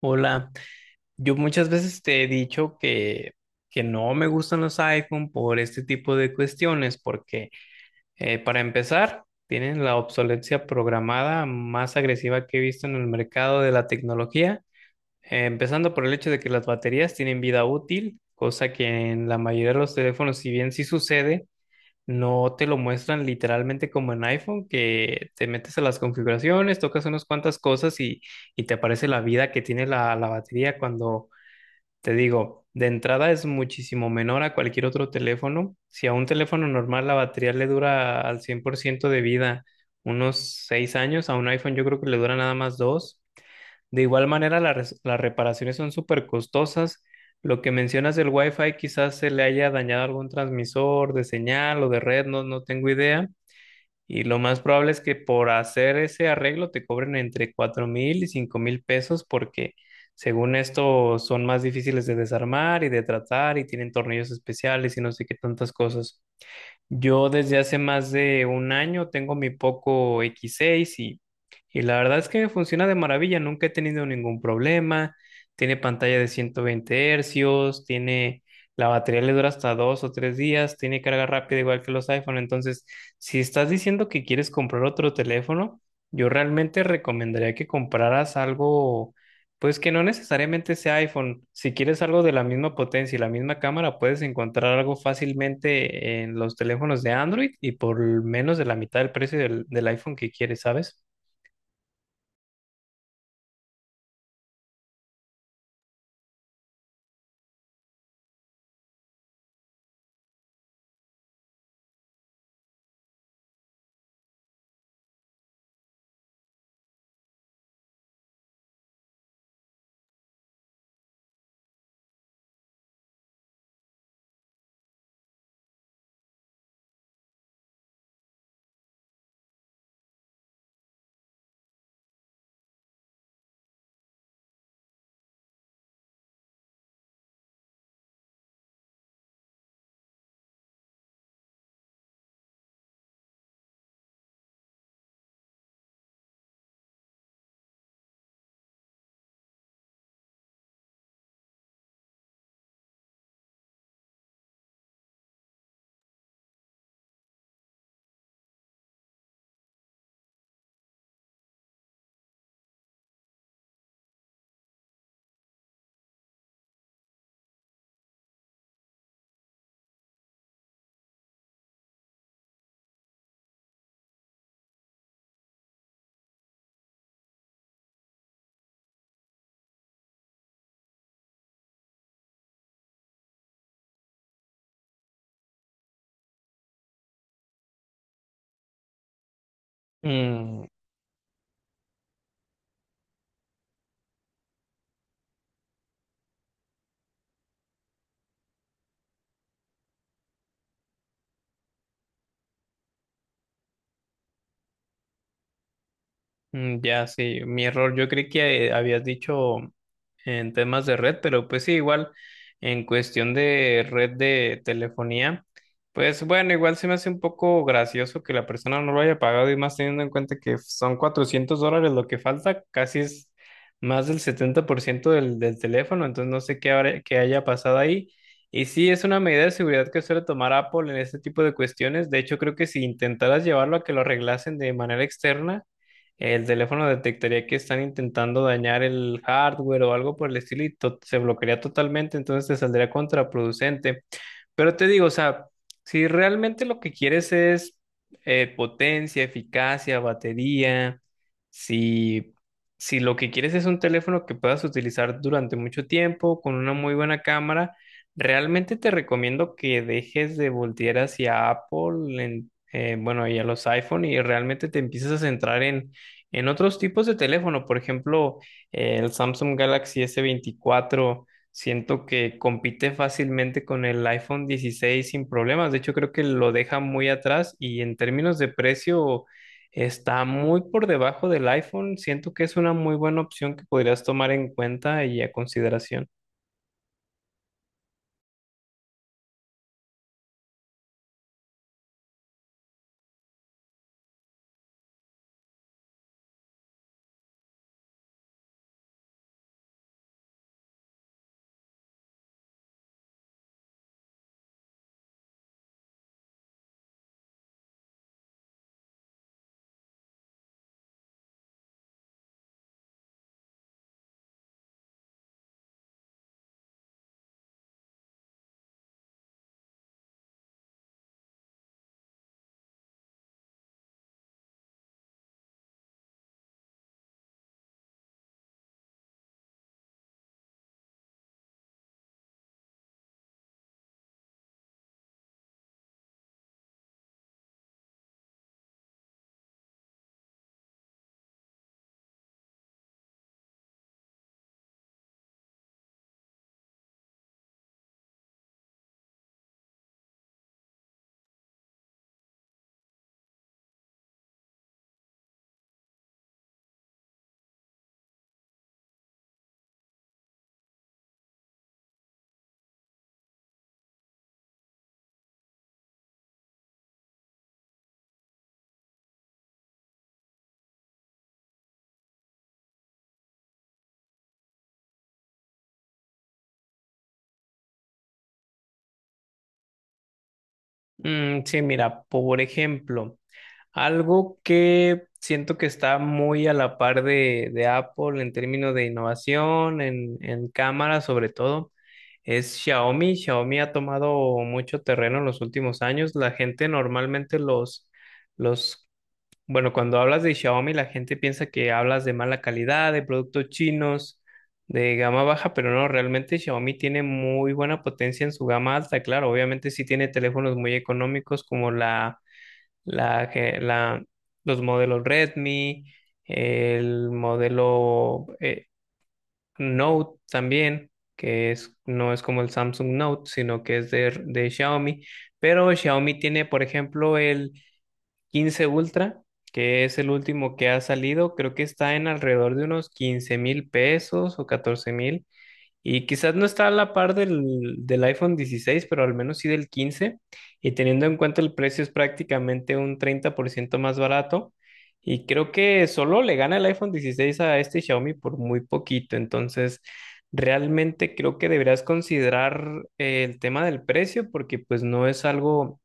Hola, yo muchas veces te he dicho que no me gustan los iPhone por este tipo de cuestiones, porque para empezar, tienen la obsolescencia programada más agresiva que he visto en el mercado de la tecnología, empezando por el hecho de que las baterías tienen vida útil, cosa que en la mayoría de los teléfonos, si bien sí sucede, no te lo muestran literalmente como en iPhone, que te metes a las configuraciones, tocas unas cuantas cosas y te aparece la vida que tiene la batería cuando te digo, de entrada es muchísimo menor a cualquier otro teléfono. Si a un teléfono normal la batería le dura al 100% de vida unos 6 años, a un iPhone yo creo que le dura nada más 2. De igual manera, las reparaciones son súper costosas. Lo que mencionas del Wi-Fi, quizás se le haya dañado algún transmisor de señal o de red, no, no tengo idea. Y lo más probable es que por hacer ese arreglo te cobren entre 4,000 y 5,000 pesos porque según esto son más difíciles de desarmar y de tratar y tienen tornillos especiales y no sé qué tantas cosas. Yo desde hace más de un año tengo mi Poco X6 y la verdad es que me funciona de maravilla, nunca he tenido ningún problema, tiene pantalla de 120 hercios, tiene, la batería le dura hasta dos o tres días, tiene carga rápida igual que los iPhone, entonces si estás diciendo que quieres comprar otro teléfono, yo realmente recomendaría que compraras algo pues que no necesariamente sea iPhone. Si quieres algo de la misma potencia y la misma cámara, puedes encontrar algo fácilmente en los teléfonos de Android y por menos de la mitad del precio del iPhone que quieres, ¿sabes? Mm. Mm. Ya, sí, mi error. Yo creí que habías dicho en temas de red, pero pues sí, igual en cuestión de red de telefonía, pues bueno, igual se me hace un poco gracioso que la persona no lo haya pagado y más teniendo en cuenta que son $400 lo que falta, casi es más del 70% del teléfono, entonces no sé qué, qué haya pasado ahí. Y sí, es una medida de seguridad que suele tomar Apple en este tipo de cuestiones. De hecho, creo que si intentaras llevarlo a que lo arreglasen de manera externa, el teléfono detectaría que están intentando dañar el hardware o algo por el estilo y se bloquearía totalmente, entonces te saldría contraproducente. Pero te digo, o sea, si realmente lo que quieres es potencia, eficacia, batería, si, si lo que quieres es un teléfono que puedas utilizar durante mucho tiempo con una muy buena cámara, realmente te recomiendo que dejes de voltear hacia Apple, bueno, y a los iPhone y realmente te empieces a centrar en, otros tipos de teléfono, por ejemplo, el Samsung Galaxy S24. Siento que compite fácilmente con el iPhone 16 sin problemas. De hecho, creo que lo deja muy atrás y en términos de precio está muy por debajo del iPhone. Siento que es una muy buena opción que podrías tomar en cuenta y a consideración. Mm, sí, mira, por ejemplo. Algo que siento que está muy a la par de Apple en términos de innovación, en cámara sobre todo, es Xiaomi. Xiaomi ha tomado mucho terreno en los últimos años. La gente normalmente los, bueno, cuando hablas de Xiaomi, la gente piensa que hablas de mala calidad, de productos chinos, de gama baja, pero no, realmente Xiaomi tiene muy buena potencia en su gama alta. Claro, obviamente sí tiene teléfonos muy económicos como la los modelos Redmi, el modelo Note también, que es, no es como el Samsung Note, sino que es de Xiaomi. Pero Xiaomi tiene, por ejemplo, el 15 Ultra, que es el último que ha salido. Creo que está en alrededor de unos 15 mil pesos o 14 mil. Y quizás no está a la par del iPhone 16, pero al menos sí del 15. Y teniendo en cuenta el precio es prácticamente un 30% más barato. Y creo que solo le gana el iPhone 16 a este Xiaomi por muy poquito. Entonces, realmente creo que deberías considerar el tema del precio porque pues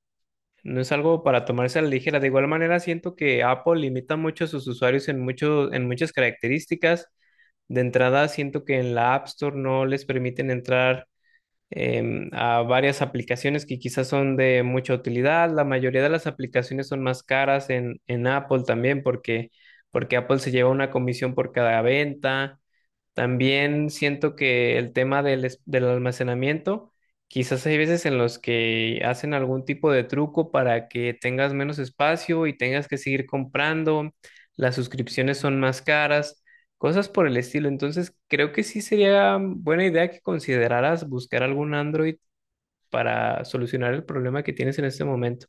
no es algo para tomarse a la ligera. De igual manera, siento que Apple limita mucho a sus usuarios en muchas características. De entrada, siento que en la App Store no les permiten entrar a varias aplicaciones que quizás son de mucha utilidad. La mayoría de las aplicaciones son más caras en, Apple también porque Apple se lleva una comisión por cada venta. También siento que el tema del almacenamiento, quizás hay veces en los que hacen algún tipo de truco para que tengas menos espacio y tengas que seguir comprando, las suscripciones son más caras, cosas por el estilo. Entonces, creo que sí sería buena idea que consideraras buscar algún Android para solucionar el problema que tienes en este momento.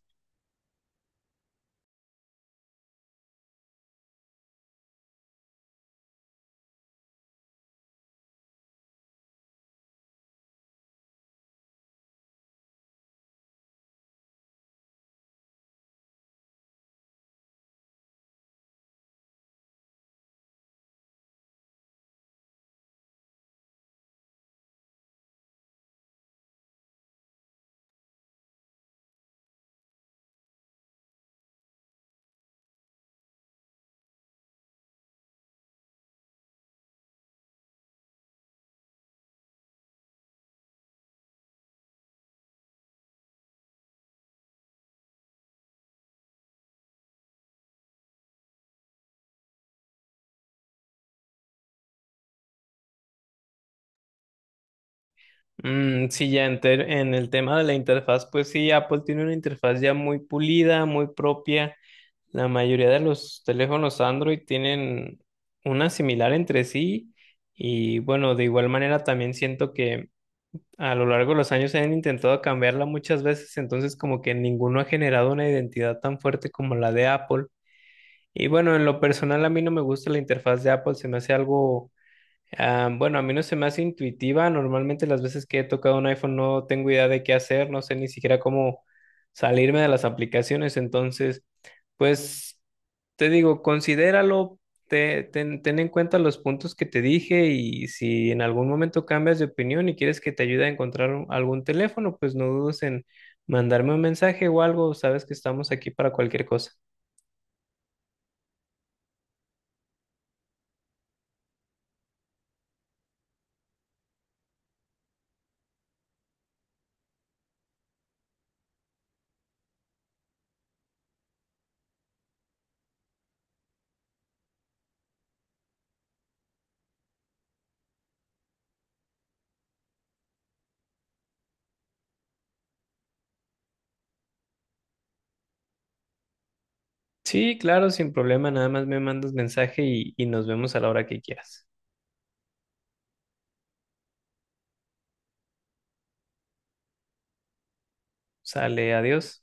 Mm, sí, ya en el tema de la interfaz, pues sí, Apple tiene una interfaz ya muy pulida, muy propia. La mayoría de los teléfonos Android tienen una similar entre sí y bueno, de igual manera también siento que a lo largo de los años se han intentado cambiarla muchas veces, entonces como que ninguno ha generado una identidad tan fuerte como la de Apple. Y bueno, en lo personal a mí no me gusta la interfaz de Apple, se me hace algo. Ah, bueno, a mí no se me hace intuitiva. Normalmente las veces que he tocado un iPhone no tengo idea de qué hacer, no sé ni siquiera cómo salirme de las aplicaciones. Entonces, pues te digo, considéralo, ten en cuenta los puntos que te dije y si en algún momento cambias de opinión y quieres que te ayude a encontrar algún teléfono, pues no dudes en mandarme un mensaje o algo. Sabes que estamos aquí para cualquier cosa. Sí, claro, sin problema. Nada más me mandas mensaje y nos vemos a la hora que quieras. Sale, adiós.